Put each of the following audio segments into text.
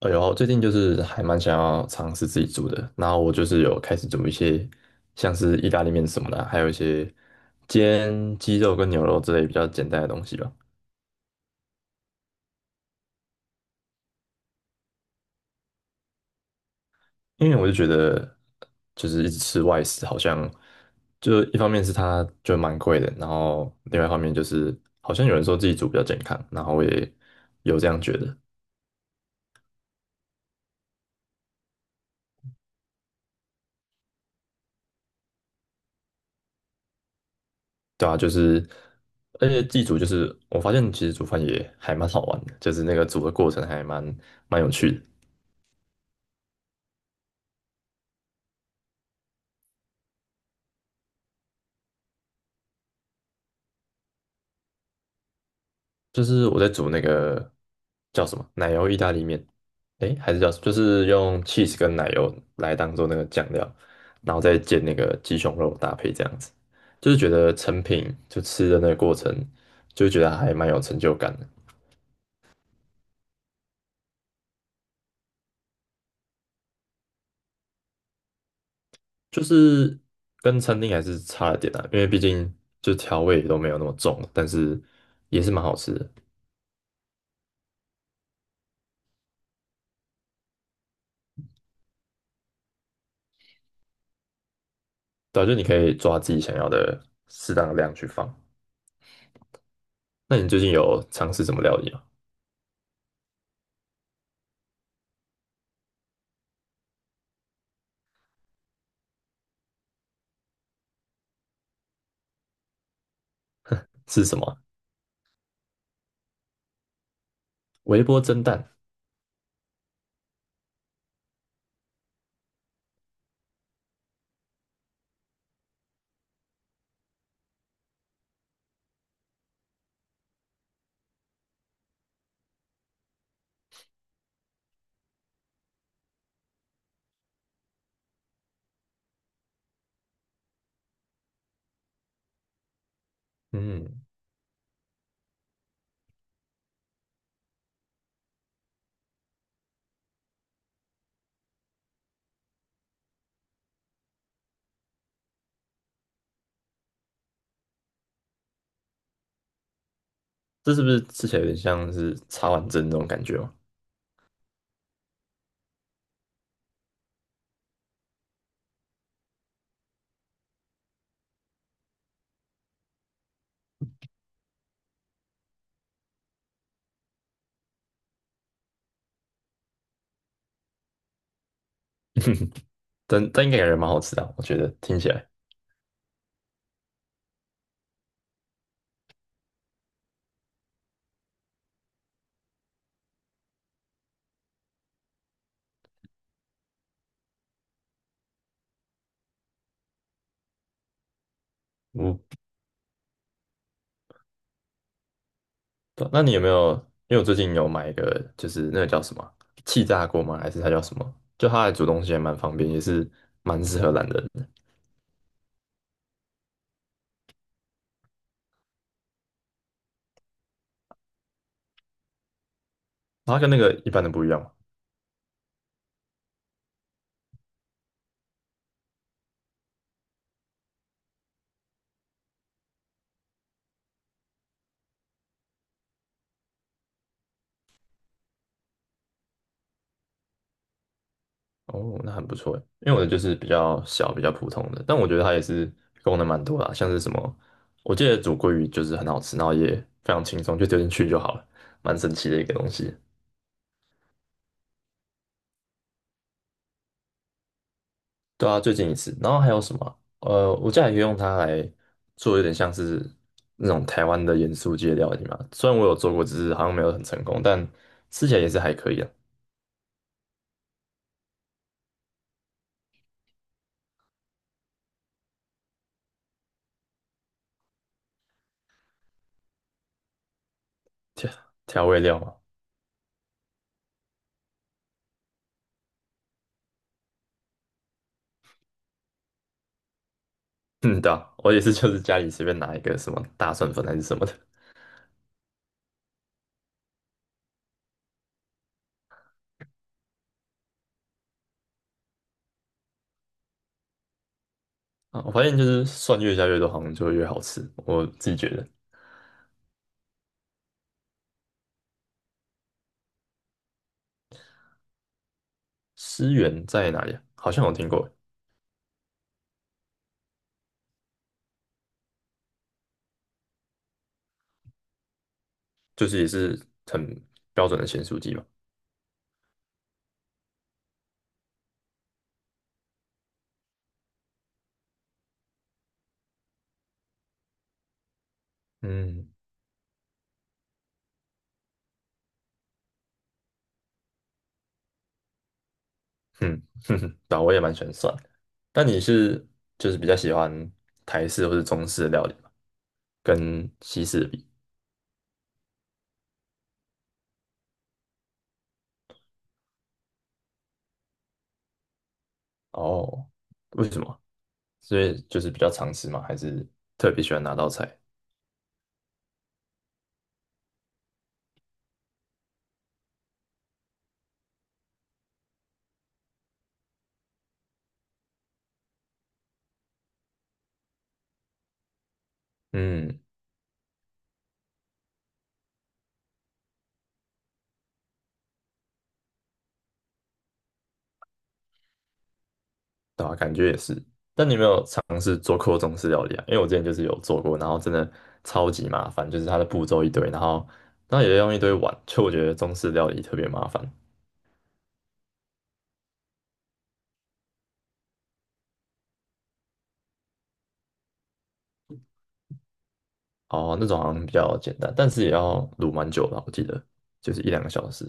哎呦，最近就是还蛮想要尝试自己煮的，然后我就是有开始煮一些像是意大利面什么的啊，还有一些煎鸡肉跟牛肉之类比较简单的东西吧。因为我就觉得，就是一直吃外食，好像就一方面是它就蛮贵的，然后另外一方面就是好像有人说自己煮比较健康，然后我也有这样觉得。对啊，就是而且自己煮就是我发现其实煮饭也还蛮好玩的，就是那个煮的过程还蛮有趣的。就是我在煮那个叫什么奶油意大利面，诶，还是叫什么？就是用 cheese 跟奶油来当做那个酱料，然后再煎那个鸡胸肉搭配这样子，就是觉得成品就吃的那个过程，就觉得还蛮有成就感的。就是跟餐厅还是差了点啊，因为毕竟就调味都没有那么重，但是也是蛮好吃的。对啊，就你可以抓自己想要的适当的量去放。那你最近有尝试什么料理吗？是什么啊微波蒸蛋。嗯，这是不是吃起来有点像是茶碗蒸那种感觉吗？但应该感觉蛮好吃的啊我觉得听起来。我不那你有没有？因为我最近有买一个，就是那个叫什么啊气炸锅吗？还是它叫什么？就它来煮东西也蛮方便，也是蛮适合懒人的。它跟那个一般的不一样嘛。哦，那很不错诶，因为我的就是比较小、比较普通的，但我觉得它也是功能蛮多的啊像是什么，我记得煮鲑鱼就是很好吃，然后也非常轻松，就丢进去就好了，蛮神奇的一个东西。对啊，最近一次，然后还有什么？我家里也用它来做，有点像是那种台湾的盐酥鸡的料理嘛。虽然我有做过，只是好像没有很成功，但吃起来也是还可以啊。调调味料嘛，嗯，对啊，我也是，就是家里随便拿一个什么大蒜粉还是什么的啊。我发现就是蒜越加越多，好像就越好吃。我自己觉得，思源在哪里啊？好像有听过，就是也是很标准的咸酥鸡嘛。嗯。嗯，哼哼，对啊，我也蛮喜欢蒜的。但你是就是比较喜欢台式或是中式的料理吗？跟西式的比？哦，为什么？所以就是比较常吃吗？还是特别喜欢哪道菜？嗯，对啊，感觉也是。但你有没有尝试做过中式料理啊？因为我之前就是有做过，然后真的超级麻烦，就是它的步骤一堆，然后也要用一堆碗，就我觉得中式料理特别麻烦。哦，那种好像比较简单，但是也要卤蛮久的，我记得就是一两个小时。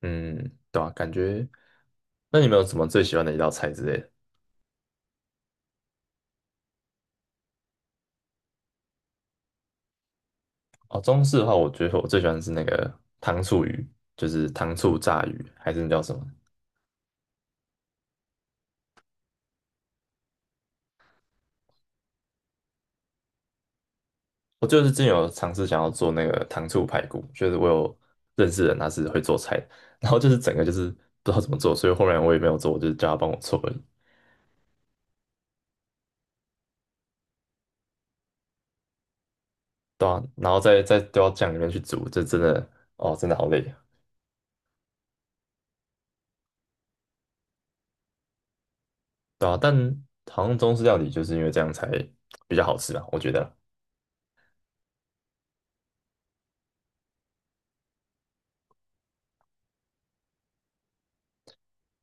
嗯，对啊，感觉。那你们有什么最喜欢的一道菜之类的？哦，中式的话，我觉得我最喜欢的是那个糖醋鱼，就是糖醋炸鱼，还是那叫什么？我就是之前有尝试想要做那个糖醋排骨，就是我有认识的人他是会做菜的，然后就是整个就是不知道怎么做，所以后面我也没有做，我就是叫他帮我做而已。对啊，然后再丢到酱里面去煮，这真的哦，真的好累，啊，对啊，但好像中式料理就是因为这样才比较好吃吧，我觉得。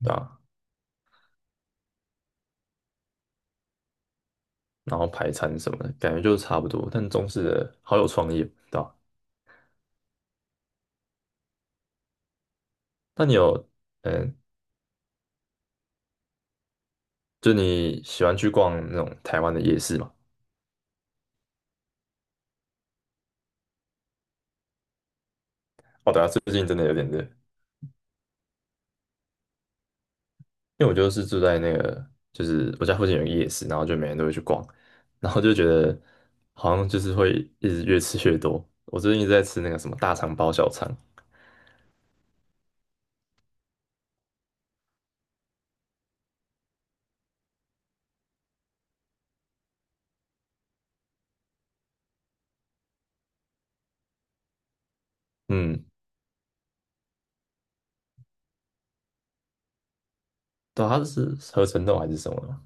对啊。然后排餐什么的，感觉就是差不多。但中式的好有创意哦，对吧？那你有，嗯，就你喜欢去逛那种台湾的夜市吗？哦，对啊，最近真的有点热，因为我就是住在那个，就是我家附近有一个夜市，然后就每天都会去逛，然后就觉得好像就是会一直越吃越多。我最近一直在吃那个什么大肠包小肠。嗯，对啊它是合成豆还是什么的嘛。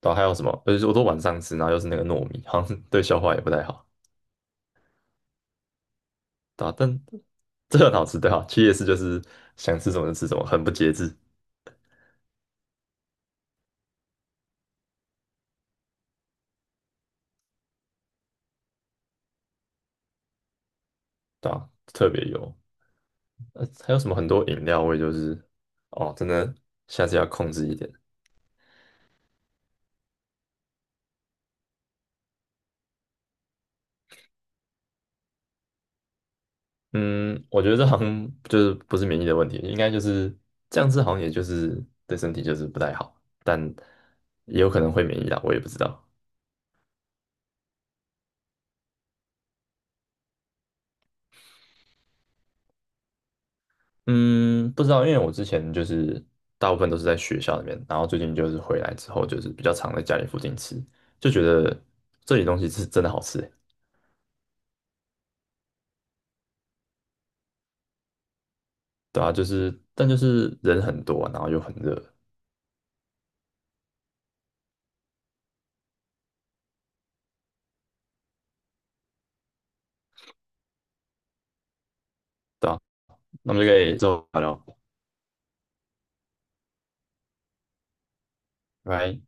对啊还有什么？而且我都晚上吃，然后又是那个糯米，好像 对消化也不太好。对啊，但这很好吃。对啊，去夜市就是想吃什么就吃什么，很不节制。对啊，特别油。还有什么很多饮料味，就是哦，真的下次要控制一点。嗯，我觉得这好像就是不是免疫的问题，应该就是这样吃，好像也就是对身体就是不太好，但也有可能会免疫啦，我也不知道。嗯，不知道，因为我之前就是大部分都是在学校里面，然后最近就是回来之后，就是比较常在家里附近吃，就觉得这里东西是真的好吃。对啊，就是但就是人很多啊然后又很热。对啊，那我们就可以之后聊聊，拜拜。